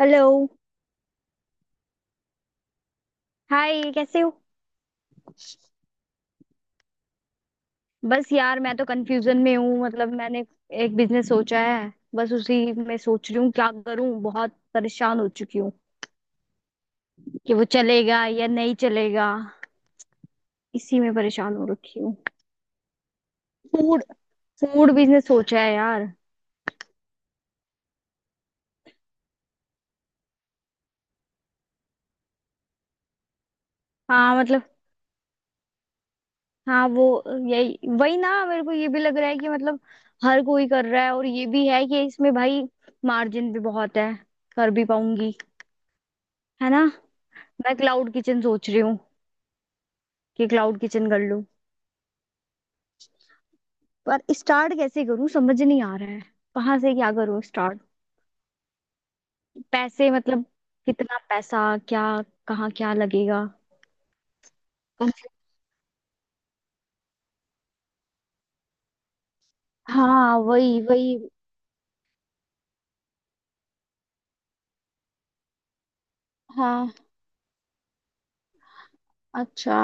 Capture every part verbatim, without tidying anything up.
Hello. Hi, कैसे हो? बस यार, मैं तो कंफ्यूजन में हूँ। मतलब मैंने एक बिजनेस सोचा है, बस उसी में सोच रही हूँ क्या करूँ। बहुत परेशान हो चुकी हूँ कि वो चलेगा या नहीं चलेगा। इसी में परेशान हो रखी हूँ। फूड फूड बिजनेस सोचा है यार। हाँ मतलब, हाँ वो यही वही ना। मेरे को ये भी लग रहा है कि मतलब हर कोई कर रहा है, और ये भी है कि इसमें भाई मार्जिन भी बहुत है। कर भी पाऊंगी, है ना? मैं क्लाउड किचन सोच रही हूँ कि क्लाउड किचन कर लूं। पर स्टार्ट कैसे करूं समझ नहीं आ रहा है। कहाँ से क्या करूं स्टार्ट? पैसे मतलब, कितना पैसा, क्या, कहाँ क्या लगेगा? कौन से- हाँ वही वही। हाँ, अच्छा।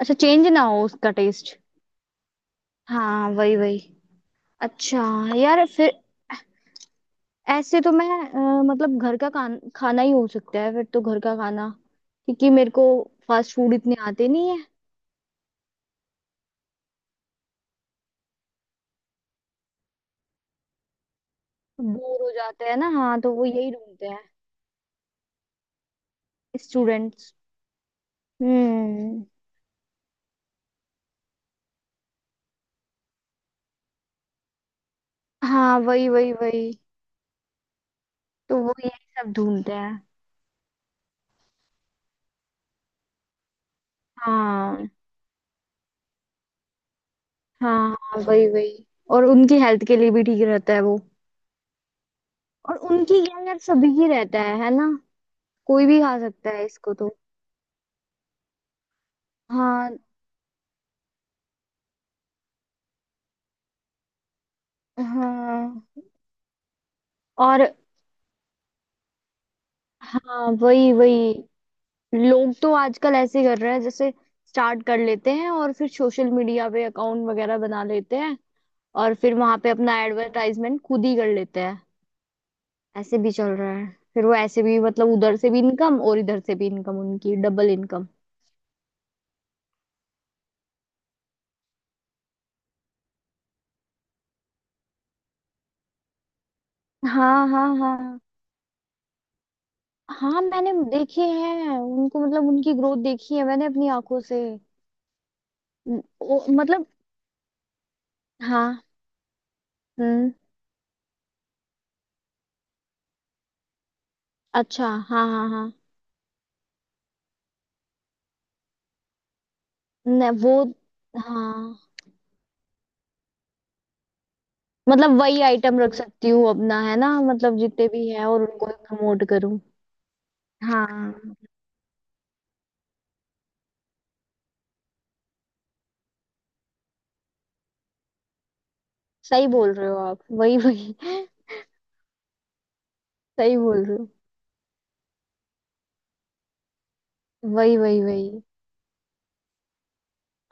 अच्छा, चेंज ना हो उसका टेस्ट। हाँ वही वही। अच्छा यार, फिर ऐसे तो मैं अ, मतलब घर का खान, खाना ही हो सकता है फिर। तो घर का खाना, क्योंकि मेरे को फास्ट फूड इतने आते नहीं है। बोर हो जाते हैं ना, हाँ। तो वो यही ढूंढते हैं। स्टूडेंट्स। हम्म। हाँ वही वही वही। तो वो यही सब ढूंढते हैं। हाँ। हाँ, हाँ वही वही। और उनकी हेल्थ के लिए भी ठीक रहता है वो। और उनकी क्या यार, सभी की रहता है है ना? कोई भी खा सकता है इसको तो। हाँ। हाँ और हाँ वही वही। लोग तो आजकल ऐसे कर रहे हैं, जैसे स्टार्ट कर लेते हैं और फिर सोशल मीडिया पे अकाउंट वगैरह बना लेते हैं, और फिर वहां पे अपना एडवर्टाइजमेंट खुद ही कर लेते हैं। ऐसे भी चल रहा है। फिर वो ऐसे भी मतलब उधर से भी इनकम और इधर से भी इनकम, उनकी डबल इनकम। हाँ हाँ हाँ। हाँ मैंने देखे हैं उनको। मतलब उनकी ग्रोथ देखी है मैंने अपनी आंखों से। म- ओ, मतलब हाँ। हम्म। अच्छा हाँ हाँ हाँ। न, वो हाँ मतलब वही आइटम रख सकती हूँ अपना, है ना? मतलब जितने भी है और उनको प्रमोट करूँ। हाँ। सही बोल रहे हो आप, वही वही सही बोल रहे हो। वही वही वही।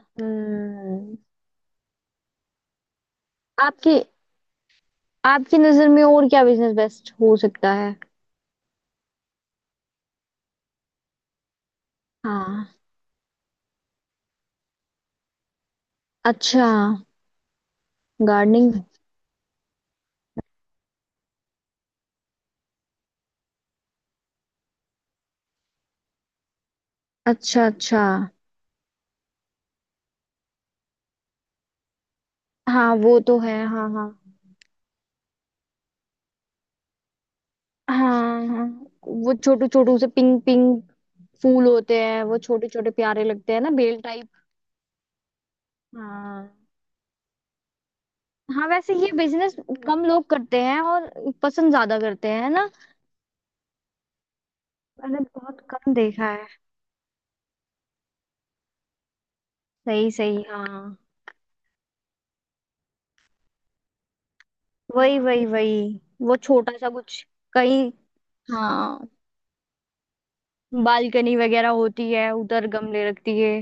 हम्म। आपके, आपकी नजर में और क्या बिजनेस बेस्ट हो सकता है? हाँ। अच्छा। गार्डनिंग। अच्छा, अच्छा। हाँ वो तो है, हाँ हाँ। हाँ हाँ, वो छोटू छोटू से पिंक पिंक फूल होते हैं वो छोटे छोटे, प्यारे लगते हैं ना, बेल टाइप। हाँ। हाँ वैसे ये बिजनेस कम लोग करते हैं और पसंद ज्यादा करते हैं ना। मैंने बहुत कम देखा है। सही सही हाँ। वही वही वही। वो छोटा सा कुछ कहीं। हाँ। बालकनी वगैरह होती है, उधर गमले रखती है।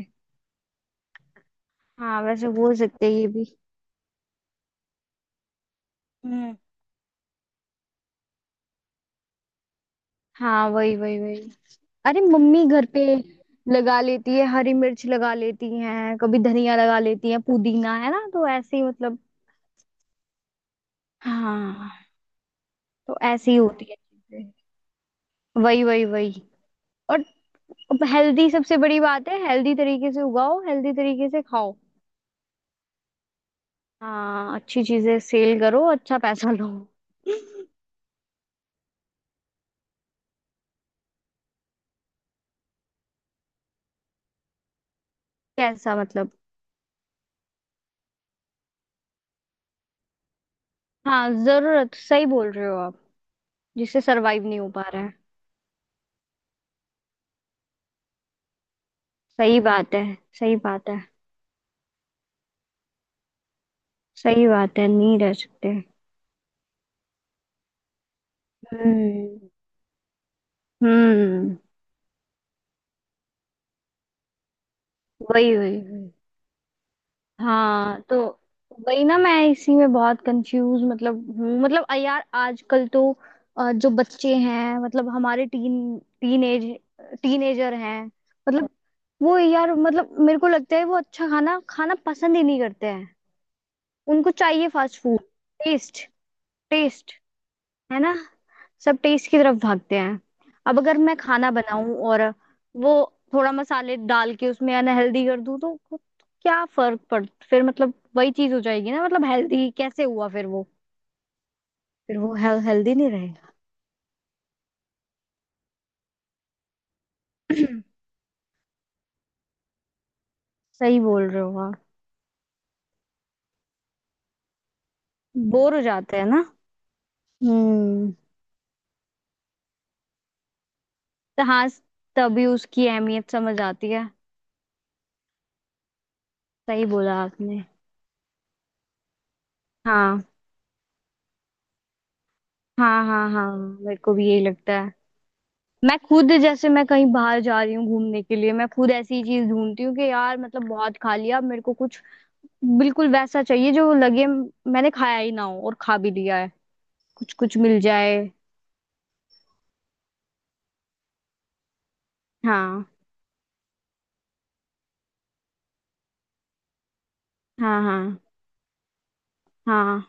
हाँ वैसे बोल सकते हैं ये भी। हम्म। हाँ वही वही वही। अरे मम्मी घर पे लगा लेती है, हरी मिर्च लगा लेती हैं, कभी धनिया लगा लेती हैं, पुदीना, है ना? तो ऐसे ही मतलब। हाँ। तो ऐसी ही होती है चीजें। वही वही वही। और हेल्दी सबसे बड़ी बात है। हेल्दी तरीके से उगाओ, हेल्दी तरीके से खाओ। हाँ अच्छी चीजें सेल करो, अच्छा पैसा लो। कैसा मतलब? हाँ जरूरत, सही बोल रहे हो आप। जिससे सरवाइव नहीं हो पा रहा है। सही बात है। सही बात है। सही बात है, नहीं रह सकते। हम्म। हम्म। वही वही वही। हाँ तो वही ना, मैं इसी में बहुत कंफ्यूज मतलब हूँ। मतलब अ यार, आजकल तो अ, जो बच्चे हैं मतलब हमारे टीन टीनेज टीनेजर हैं। मतलब वो यार, मतलब मेरे को लगता है वो अच्छा खाना खाना पसंद ही नहीं करते हैं। उनको चाहिए फास्ट फूड, टेस्ट, टेस्ट, है ना? सब टेस्ट की तरफ भागते हैं। अब अगर मैं खाना बनाऊं और वो थोड़ा मसाले डाल के उसमें अनहेल्दी कर दूं, तो तो क्या फर्क पड़, फिर मतलब वही चीज हो जाएगी ना। मतलब हेल्दी कैसे हुआ फिर वो? फिर वो हेल्दी नहीं रहेगा। सही बोल रहे हो आप। बोर हो जाते हैं ना। हम्म। तो हाँ, तभी उसकी अहमियत समझ आती है। सही बोला आपने। हाँ हाँ हाँ, हाँ मेरे को भी यही लगता है। मैं खुद जैसे मैं कहीं बाहर जा रही हूँ घूमने के लिए, मैं खुद ऐसी चीज ढूंढती हूँ कि यार मतलब बहुत खा लिया, अब मेरे को कुछ बिल्कुल वैसा चाहिए जो लगे म- मैंने खाया ही ना हो, और खा भी लिया है। कुछ कुछ मिल जाए। हाँ। हाँ हाँ। हाँ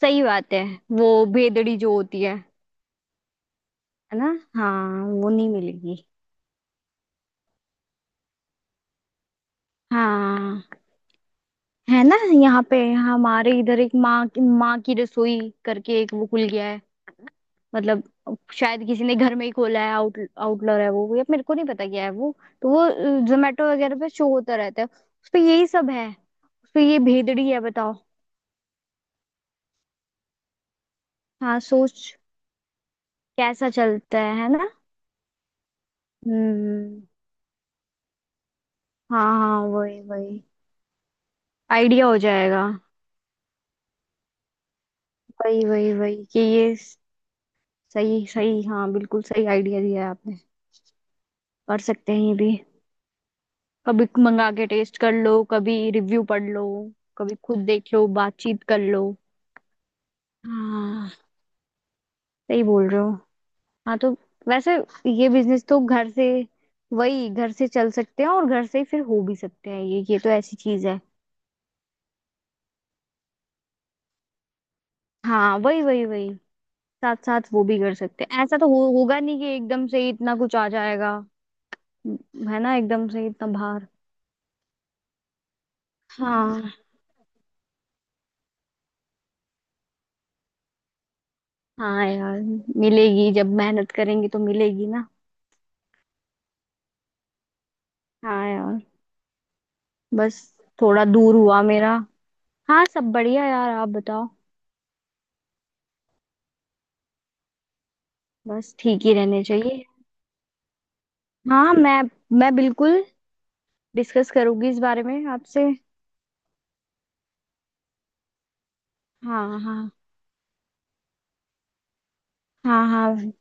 सही बात है, वो भेदड़ी जो होती है है ना? हाँ वो नहीं मिलेगी। हाँ। है ना? यहाँ पे हमारे इधर एक माँ की माँ की रसोई करके एक वो खुल गया है। मतलब शायद किसी ने घर में ही खोला है, आउट आउटलर है वो, या मेरे को नहीं पता क्या है वो। तो वो जोमेटो वगैरह पे शो होता रहता है, उस पे यही सब है। उस पे ये भेदड़ी है, बताओ। हाँ सोच, कैसा चलता है है ना। हम्म। हाँ हाँ वही वही। आइडिया हो जाएगा। वही वही वही कि ये। सही सही हाँ, बिल्कुल सही आइडिया दिया है आपने। कर सकते हैं ये भी। कभी मंगा के टेस्ट कर लो, कभी रिव्यू पढ़ लो, कभी खुद देख लो, बातचीत कर लो। हाँ। सही बोल रहे हो। हाँ तो वैसे ये बिजनेस तो घर से, वही घर से चल सकते हैं, और घर से ही फिर हो भी सकते हैं। ये ये तो ऐसी चीज है। हाँ वही वही वही। साथ साथ वो भी कर सकते हैं। ऐसा तो हो, होगा नहीं कि एकदम से ही इतना कुछ आ जाएगा। है ना? एकदम से ही इतना भार। हाँ। हाँ यार, मिलेगी। जब मेहनत करेंगे तो मिलेगी ना। हाँ यार। बस थोड़ा दूर हुआ मेरा। हाँ सब बढ़िया यार, आप बताओ। बस ठीक ही रहने चाहिए। हाँ मैं मैं बिल्कुल डिस्कस करूंगी इस बारे में आपसे। हाँ हाँ। हाँ हाँ।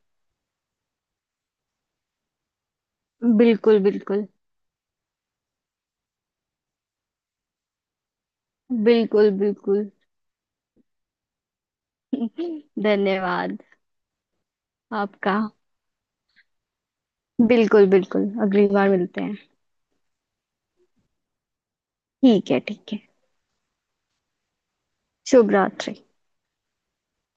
बिल्कुल बिल्कुल। बिल्कुल बिल्कुल। धन्यवाद आपका। बिल्कुल बिल्कुल, अगली बार मिलते हैं। ठीक है, ठीक है। शुभ रात्रि।